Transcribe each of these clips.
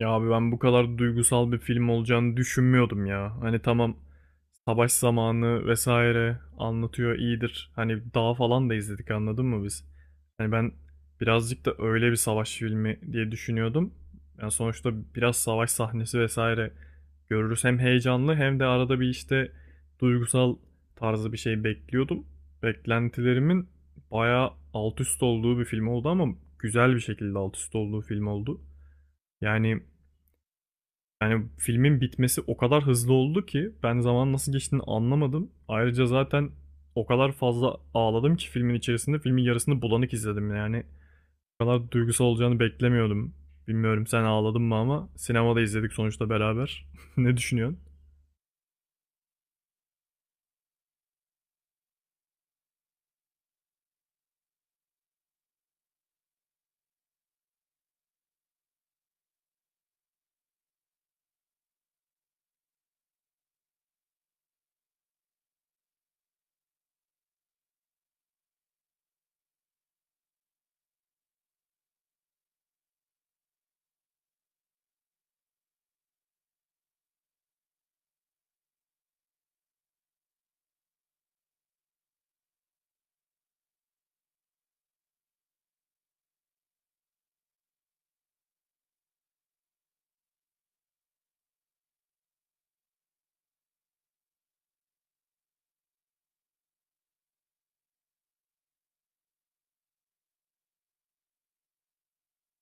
Ya abi, ben bu kadar duygusal bir film olacağını düşünmüyordum ya. Hani tamam, savaş zamanı vesaire anlatıyor, iyidir. Hani dağ falan da izledik, anladın mı biz? Hani ben birazcık da öyle bir savaş filmi diye düşünüyordum. Yani sonuçta biraz savaş sahnesi vesaire görürüz. Hem heyecanlı hem de arada bir işte duygusal tarzı bir şey bekliyordum. Beklentilerimin bayağı alt üst olduğu bir film oldu, ama güzel bir şekilde alt üst olduğu film oldu. Yani yani filmin bitmesi o kadar hızlı oldu ki ben zaman nasıl geçtiğini anlamadım. Ayrıca zaten o kadar fazla ağladım ki filmin içerisinde filmin yarısını bulanık izledim yani. O kadar duygusal olacağını beklemiyordum. Bilmiyorum sen ağladın mı, ama sinemada izledik sonuçta beraber. Ne düşünüyorsun?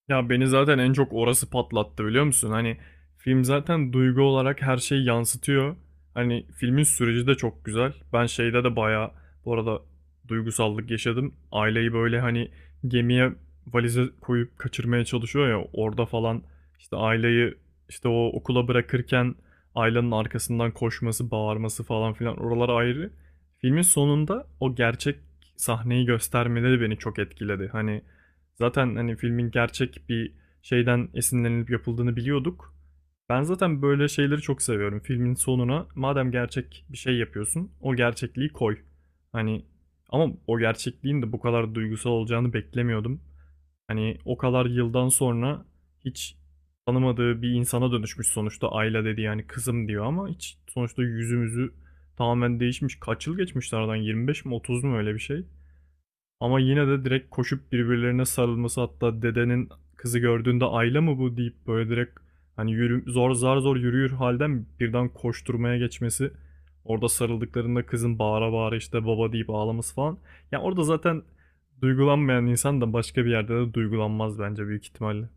Ya beni zaten en çok orası patlattı, biliyor musun? Hani film zaten duygu olarak her şeyi yansıtıyor. Hani filmin süreci de çok güzel. Ben şeyde de bayağı, bu arada, duygusallık yaşadım. Aileyi böyle hani gemiye valize koyup kaçırmaya çalışıyor ya, orada falan işte aileyi, işte o okula bırakırken ailenin arkasından koşması, bağırması falan filan, oralar ayrı. Filmin sonunda o gerçek sahneyi göstermeleri beni çok etkiledi, hani. Zaten hani filmin gerçek bir şeyden esinlenilip yapıldığını biliyorduk. Ben zaten böyle şeyleri çok seviyorum. Filmin sonuna madem gerçek bir şey yapıyorsun, o gerçekliği koy. Hani ama o gerçekliğin de bu kadar duygusal olacağını beklemiyordum. Hani o kadar yıldan sonra hiç tanımadığı bir insana dönüşmüş sonuçta. Ayla dedi, yani kızım diyor, ama hiç, sonuçta yüzümüzü tamamen değişmiş. Kaç yıl geçmiş aradan, 25 mi 30 mu, öyle bir şey? Ama yine de direkt koşup birbirlerine sarılması, hatta dedenin kızı gördüğünde Ayla mı bu deyip böyle direkt, hani yürü, zar zor yürüyür halden birden koşturmaya geçmesi. Orada sarıldıklarında kızın bağıra bağıra işte baba deyip ağlaması falan. Yani orada zaten duygulanmayan insan da başka bir yerde de duygulanmaz bence, büyük ihtimalle.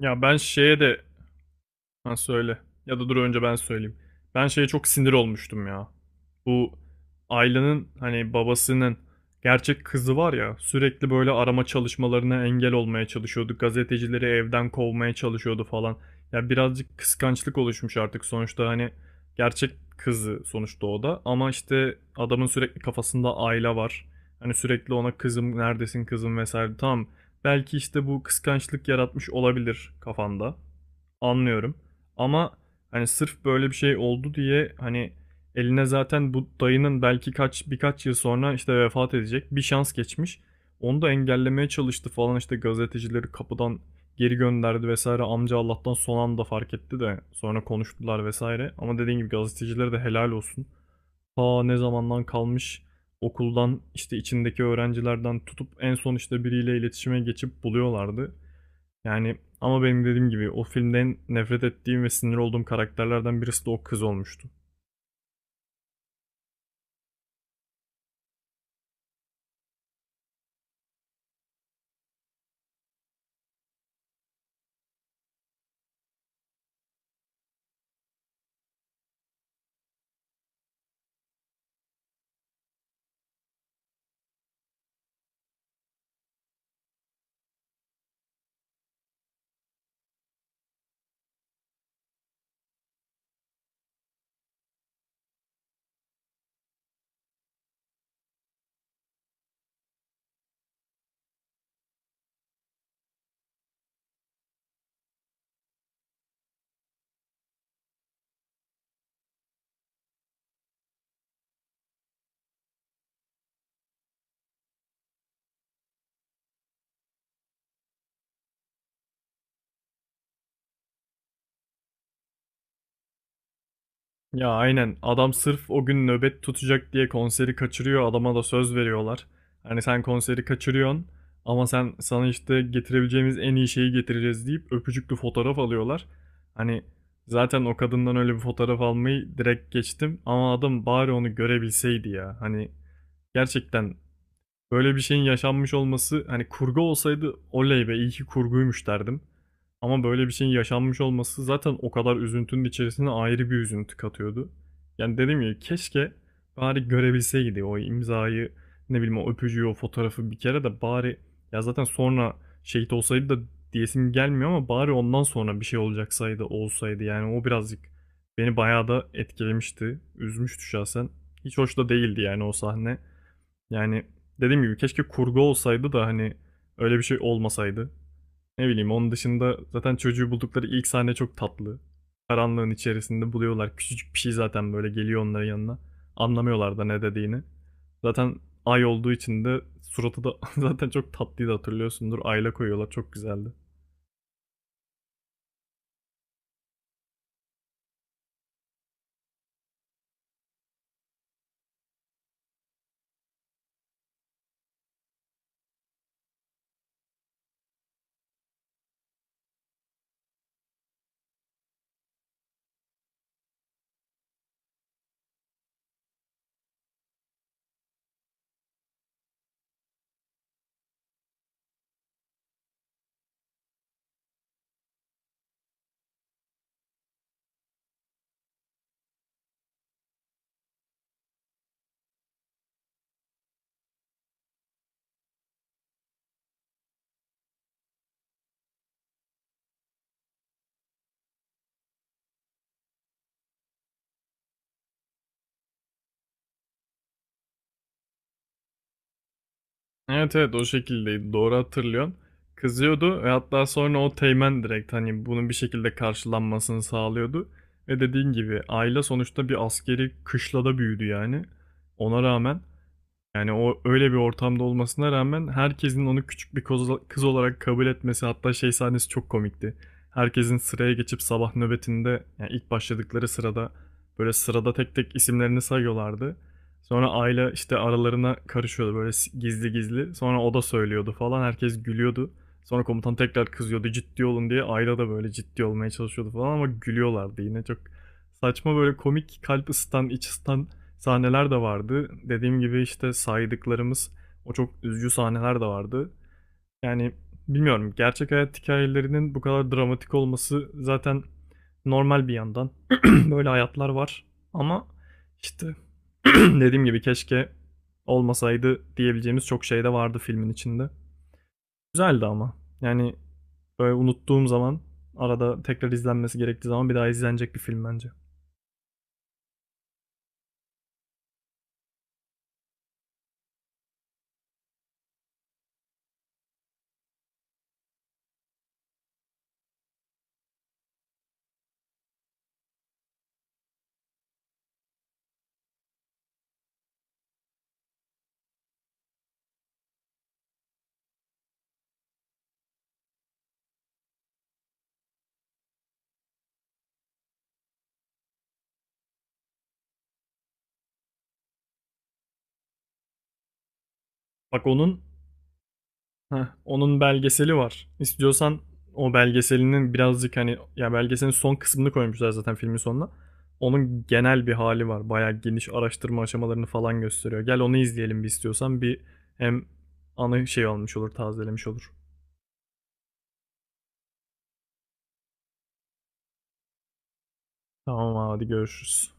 Ya ben şeye de... Ha, söyle. Ya da dur, önce ben söyleyeyim. Ben şeye çok sinir olmuştum ya. Bu Ayla'nın hani babasının gerçek kızı var ya, sürekli böyle arama çalışmalarına engel olmaya çalışıyordu. Gazetecileri evden kovmaya çalışıyordu falan. Ya birazcık kıskançlık oluşmuş artık sonuçta, hani gerçek kızı sonuçta o da. Ama işte adamın sürekli kafasında Ayla var. Hani sürekli ona kızım neredesin, kızım vesaire. Tamam, belki işte bu kıskançlık yaratmış olabilir kafanda. Anlıyorum. Ama hani sırf böyle bir şey oldu diye, hani eline zaten bu dayının belki birkaç yıl sonra işte vefat edecek bir şans geçmiş. Onu da engellemeye çalıştı falan, işte gazetecileri kapıdan geri gönderdi vesaire. Amca Allah'tan son anda fark etti de sonra konuştular vesaire. Ama dediğim gibi gazetecilere de helal olsun. Ta ne zamandan kalmış okuldan, işte içindeki öğrencilerden tutup en son işte biriyle iletişime geçip buluyorlardı. Yani ama benim dediğim gibi, o filmden nefret ettiğim ve sinir olduğum karakterlerden birisi de o kız olmuştu. Ya aynen, adam sırf o gün nöbet tutacak diye konseri kaçırıyor, adama da söz veriyorlar. Hani sen konseri kaçırıyorsun, ama sana işte getirebileceğimiz en iyi şeyi getireceğiz deyip öpücüklü fotoğraf alıyorlar. Hani zaten o kadından öyle bir fotoğraf almayı direkt geçtim, ama adam bari onu görebilseydi ya. Hani gerçekten, böyle bir şeyin yaşanmış olması, hani kurgu olsaydı oley be, iyi ki kurguymuş derdim. Ama böyle bir şeyin yaşanmış olması, zaten o kadar üzüntünün içerisine ayrı bir üzüntü katıyordu. Yani dedim ya, keşke bari görebilseydi o imzayı, ne bileyim, o öpücüğü, o fotoğrafı bir kere de bari, ya zaten sonra şehit olsaydı da diyesim gelmiyor ama bari ondan sonra bir şey olsaydı yani. O birazcık beni bayağı da etkilemişti. Üzmüştü şahsen. Hiç hoş da değildi yani o sahne. Yani dediğim gibi keşke kurgu olsaydı da hani öyle bir şey olmasaydı. Ne bileyim, onun dışında zaten çocuğu buldukları ilk sahne çok tatlı. Karanlığın içerisinde buluyorlar. Küçücük bir şey zaten böyle geliyor onların yanına. Anlamıyorlar da ne dediğini. Zaten ay olduğu için de suratı da zaten çok tatlıydı, hatırlıyorsundur. Ayla koyuyorlar, çok güzeldi. Evet evet, o şekildeydi, doğru hatırlıyorsun. Kızıyordu, ve hatta sonra o teğmen direkt hani bunun bir şekilde karşılanmasını sağlıyordu. Ve dediğin gibi aile sonuçta bir askeri kışlada büyüdü yani. Ona rağmen, yani o öyle bir ortamda olmasına rağmen, herkesin onu küçük bir kız olarak kabul etmesi, hatta şey sahnesi çok komikti. Herkesin sıraya geçip sabah nöbetinde yani ilk başladıkları sırada, böyle sırada tek tek isimlerini sayıyorlardı. Sonra Ayla işte aralarına karışıyordu böyle, gizli gizli. Sonra o da söylüyordu falan, herkes gülüyordu. Sonra komutan tekrar kızıyordu ciddi olun diye. Ayla da böyle ciddi olmaya çalışıyordu falan, ama gülüyorlardı yine. Çok saçma, böyle komik, kalp ısıtan, iç ısıtan sahneler de vardı. Dediğim gibi işte saydıklarımız o çok üzücü sahneler de vardı. Yani bilmiyorum, gerçek hayat hikayelerinin bu kadar dramatik olması zaten normal bir yandan. Böyle hayatlar var, ama işte, dediğim gibi keşke olmasaydı diyebileceğimiz çok şey de vardı filmin içinde. Güzeldi ama. Yani böyle unuttuğum zaman, arada tekrar izlenmesi gerektiği zaman bir daha izlenecek bir film bence. Bak onun Heh, onun belgeseli var. İstiyorsan, o belgeselinin birazcık hani, ya belgeselin son kısmını koymuşlar zaten filmin sonuna. Onun genel bir hali var. Bayağı geniş araştırma aşamalarını falan gösteriyor. Gel onu izleyelim bir istiyorsan. Bir, hem anı şey olmuş olur, tazelemiş olur. Tamam abi, hadi görüşürüz.